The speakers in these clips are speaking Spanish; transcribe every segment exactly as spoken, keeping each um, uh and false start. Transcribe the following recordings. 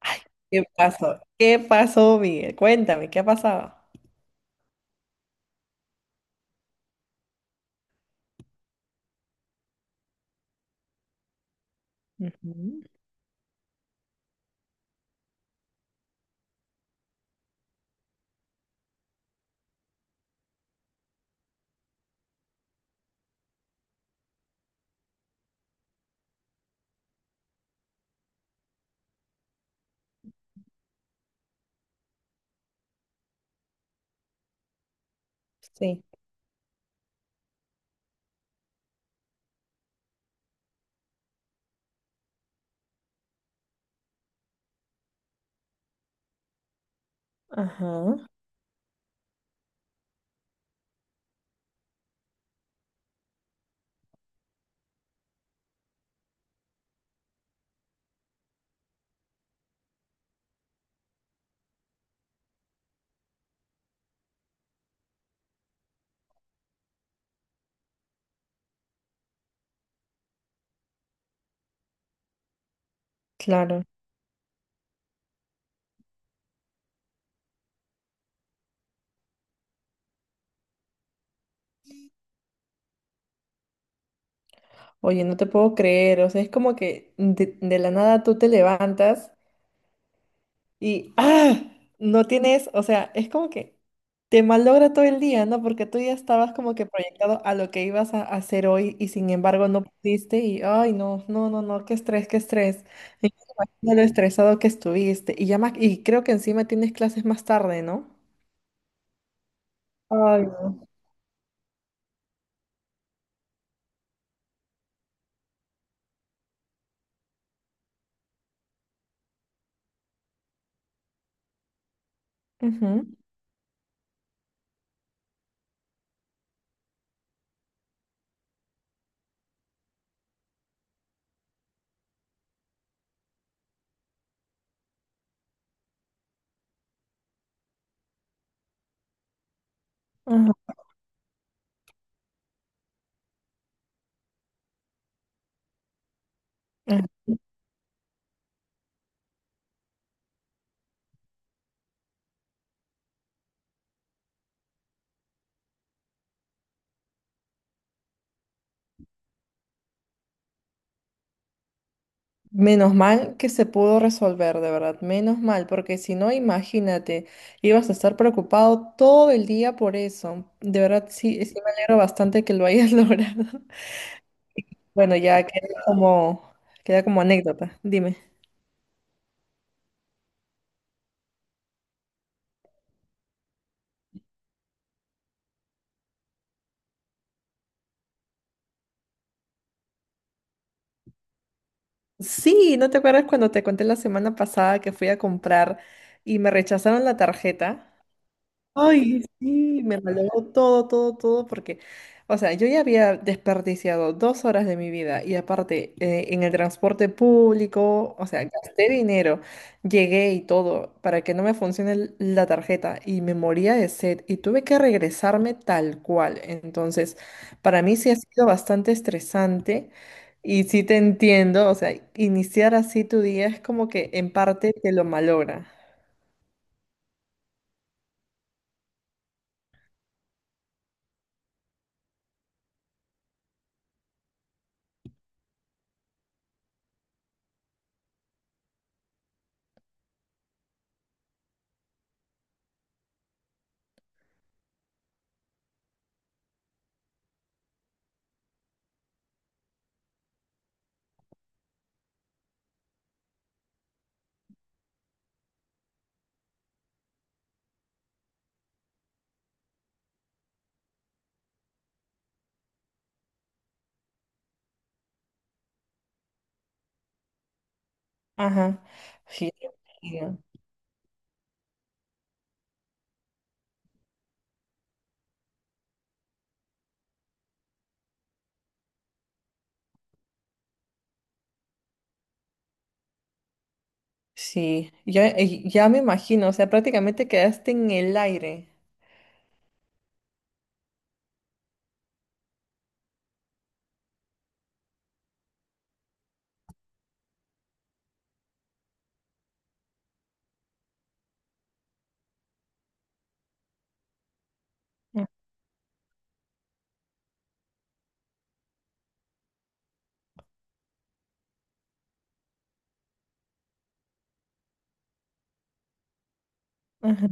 Ay, ¿qué pasó? ¿Qué pasó, Miguel? Cuéntame, ¿qué ha pasado? Ujú. Sí, ajá, claro. Oye, no te puedo creer, o sea, es como que de, de la nada tú te levantas. Y ¡ah! No tienes, o sea, es como que te malogra todo el día, ¿no? Porque tú ya estabas como que proyectado a lo que ibas a hacer hoy y sin embargo no pudiste y, ay, no, no, no, no, qué estrés, qué estrés. Y no me imagino lo estresado que estuviste. Y ya más, y creo que encima tienes clases más tarde, ¿no? Ay, no. Ujú, ujú, ujú. Menos mal que se pudo resolver, de verdad, menos mal, porque si no, imagínate, ibas a estar preocupado todo el día por eso. De verdad, sí, sí me alegro bastante que lo hayas logrado. Bueno, ya queda como, queda como anécdota, dime. Sí, ¿no te acuerdas cuando te conté la semana pasada que fui a comprar y me rechazaron la tarjeta? Ay, sí, me malogró todo, todo, todo, porque, o sea, yo ya había desperdiciado dos horas de mi vida y aparte eh, en el transporte público, o sea, gasté dinero, llegué y todo para que no me funcione el- la tarjeta y me moría de sed y tuve que regresarme tal cual. Entonces, para mí sí ha sido bastante estresante y sí te entiendo, o sea, iniciar así tu día es como que en parte te lo malogra. Ajá. Sí. Sí, sí. Sí, ya, eh, ya me imagino, o sea, prácticamente quedaste en el aire. Ah, ajá.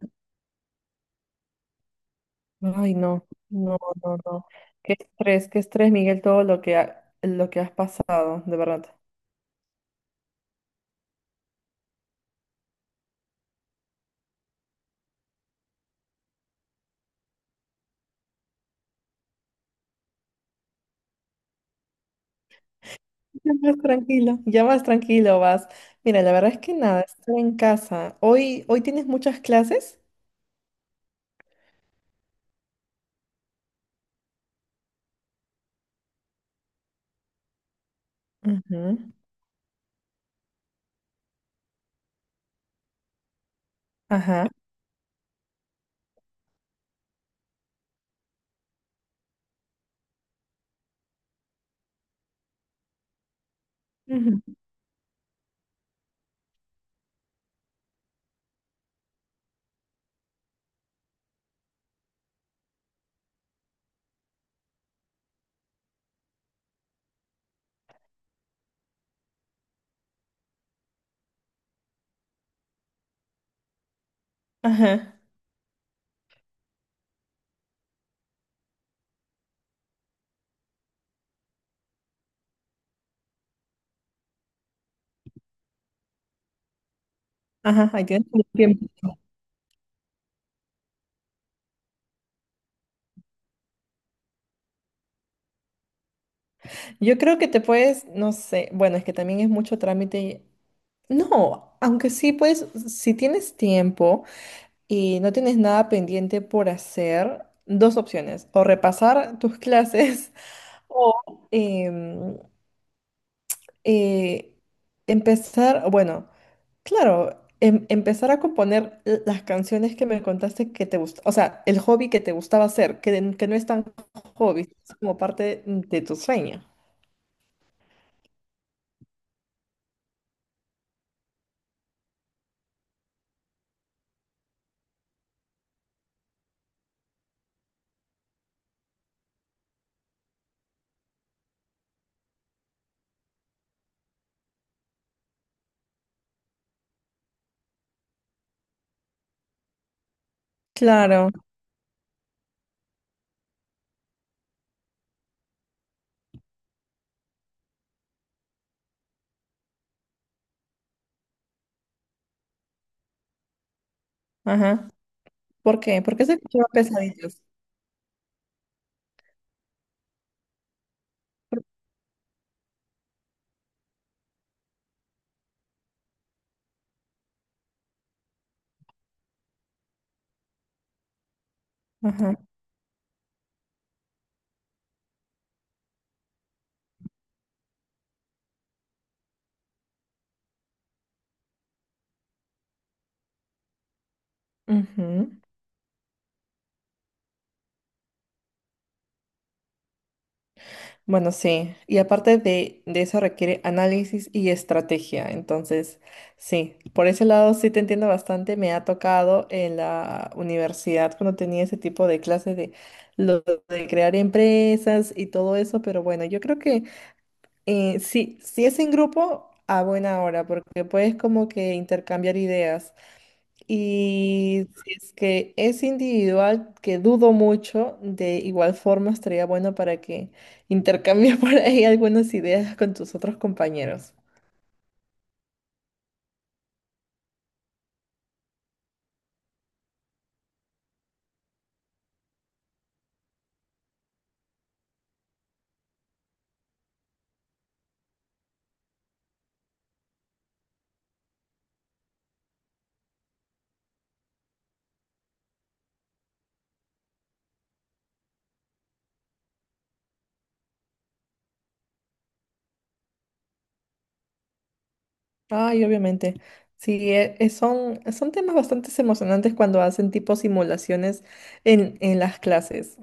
Ay, no, no, no, no. Qué estrés, qué estrés, Miguel, todo lo que, ha- lo que has pasado, de verdad. Ya más tranquilo, ya más tranquilo vas. Mira, la verdad es que nada, estar en casa. Hoy, hoy tienes muchas clases. Ujú. Ajá. Ujú. Ajá. Ajá, ahí tienes mucho tiempo. Yo creo que te puedes, no sé, bueno, es que también es mucho trámite. No, aunque sí, pues, si tienes tiempo y no tienes nada pendiente por hacer, dos opciones, o repasar tus clases o em, eh, empezar, bueno, claro, em- empezar a componer l- las canciones que me contaste que te gusta, o sea, el hobby que te gustaba hacer, que, n- que no es tan hobby, es como parte de tu sueño. Claro, ajá. ¿Por qué? Porque se escuchaban pesaditos. Ajá. Ujú. Bueno, sí. Y aparte de, de eso requiere análisis y estrategia. Entonces, sí, por ese lado sí te entiendo bastante. Me ha tocado en la universidad cuando tenía ese tipo de clases de lo de crear empresas y todo eso. Pero bueno, yo creo que eh, sí, si es en grupo, a buena hora, porque puedes como que intercambiar ideas. Y si es que es individual, que dudo mucho, de igual forma estaría bueno para que intercambies por ahí algunas ideas con tus otros compañeros. Ay, obviamente. Sí, e- e- son, son temas bastante emocionantes cuando hacen tipo simulaciones en, en las clases,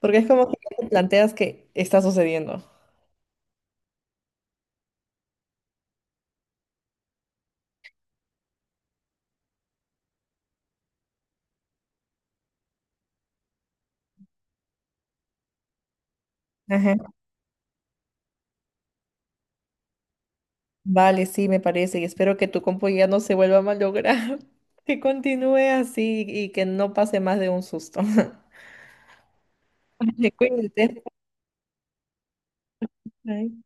porque es como que no te planteas que está sucediendo. Ajá. Vale, sí, me parece, y espero que tu compu ya no se vuelva a malograr, que continúe así y que no pase más de un susto. Vale, cuídate. Bye.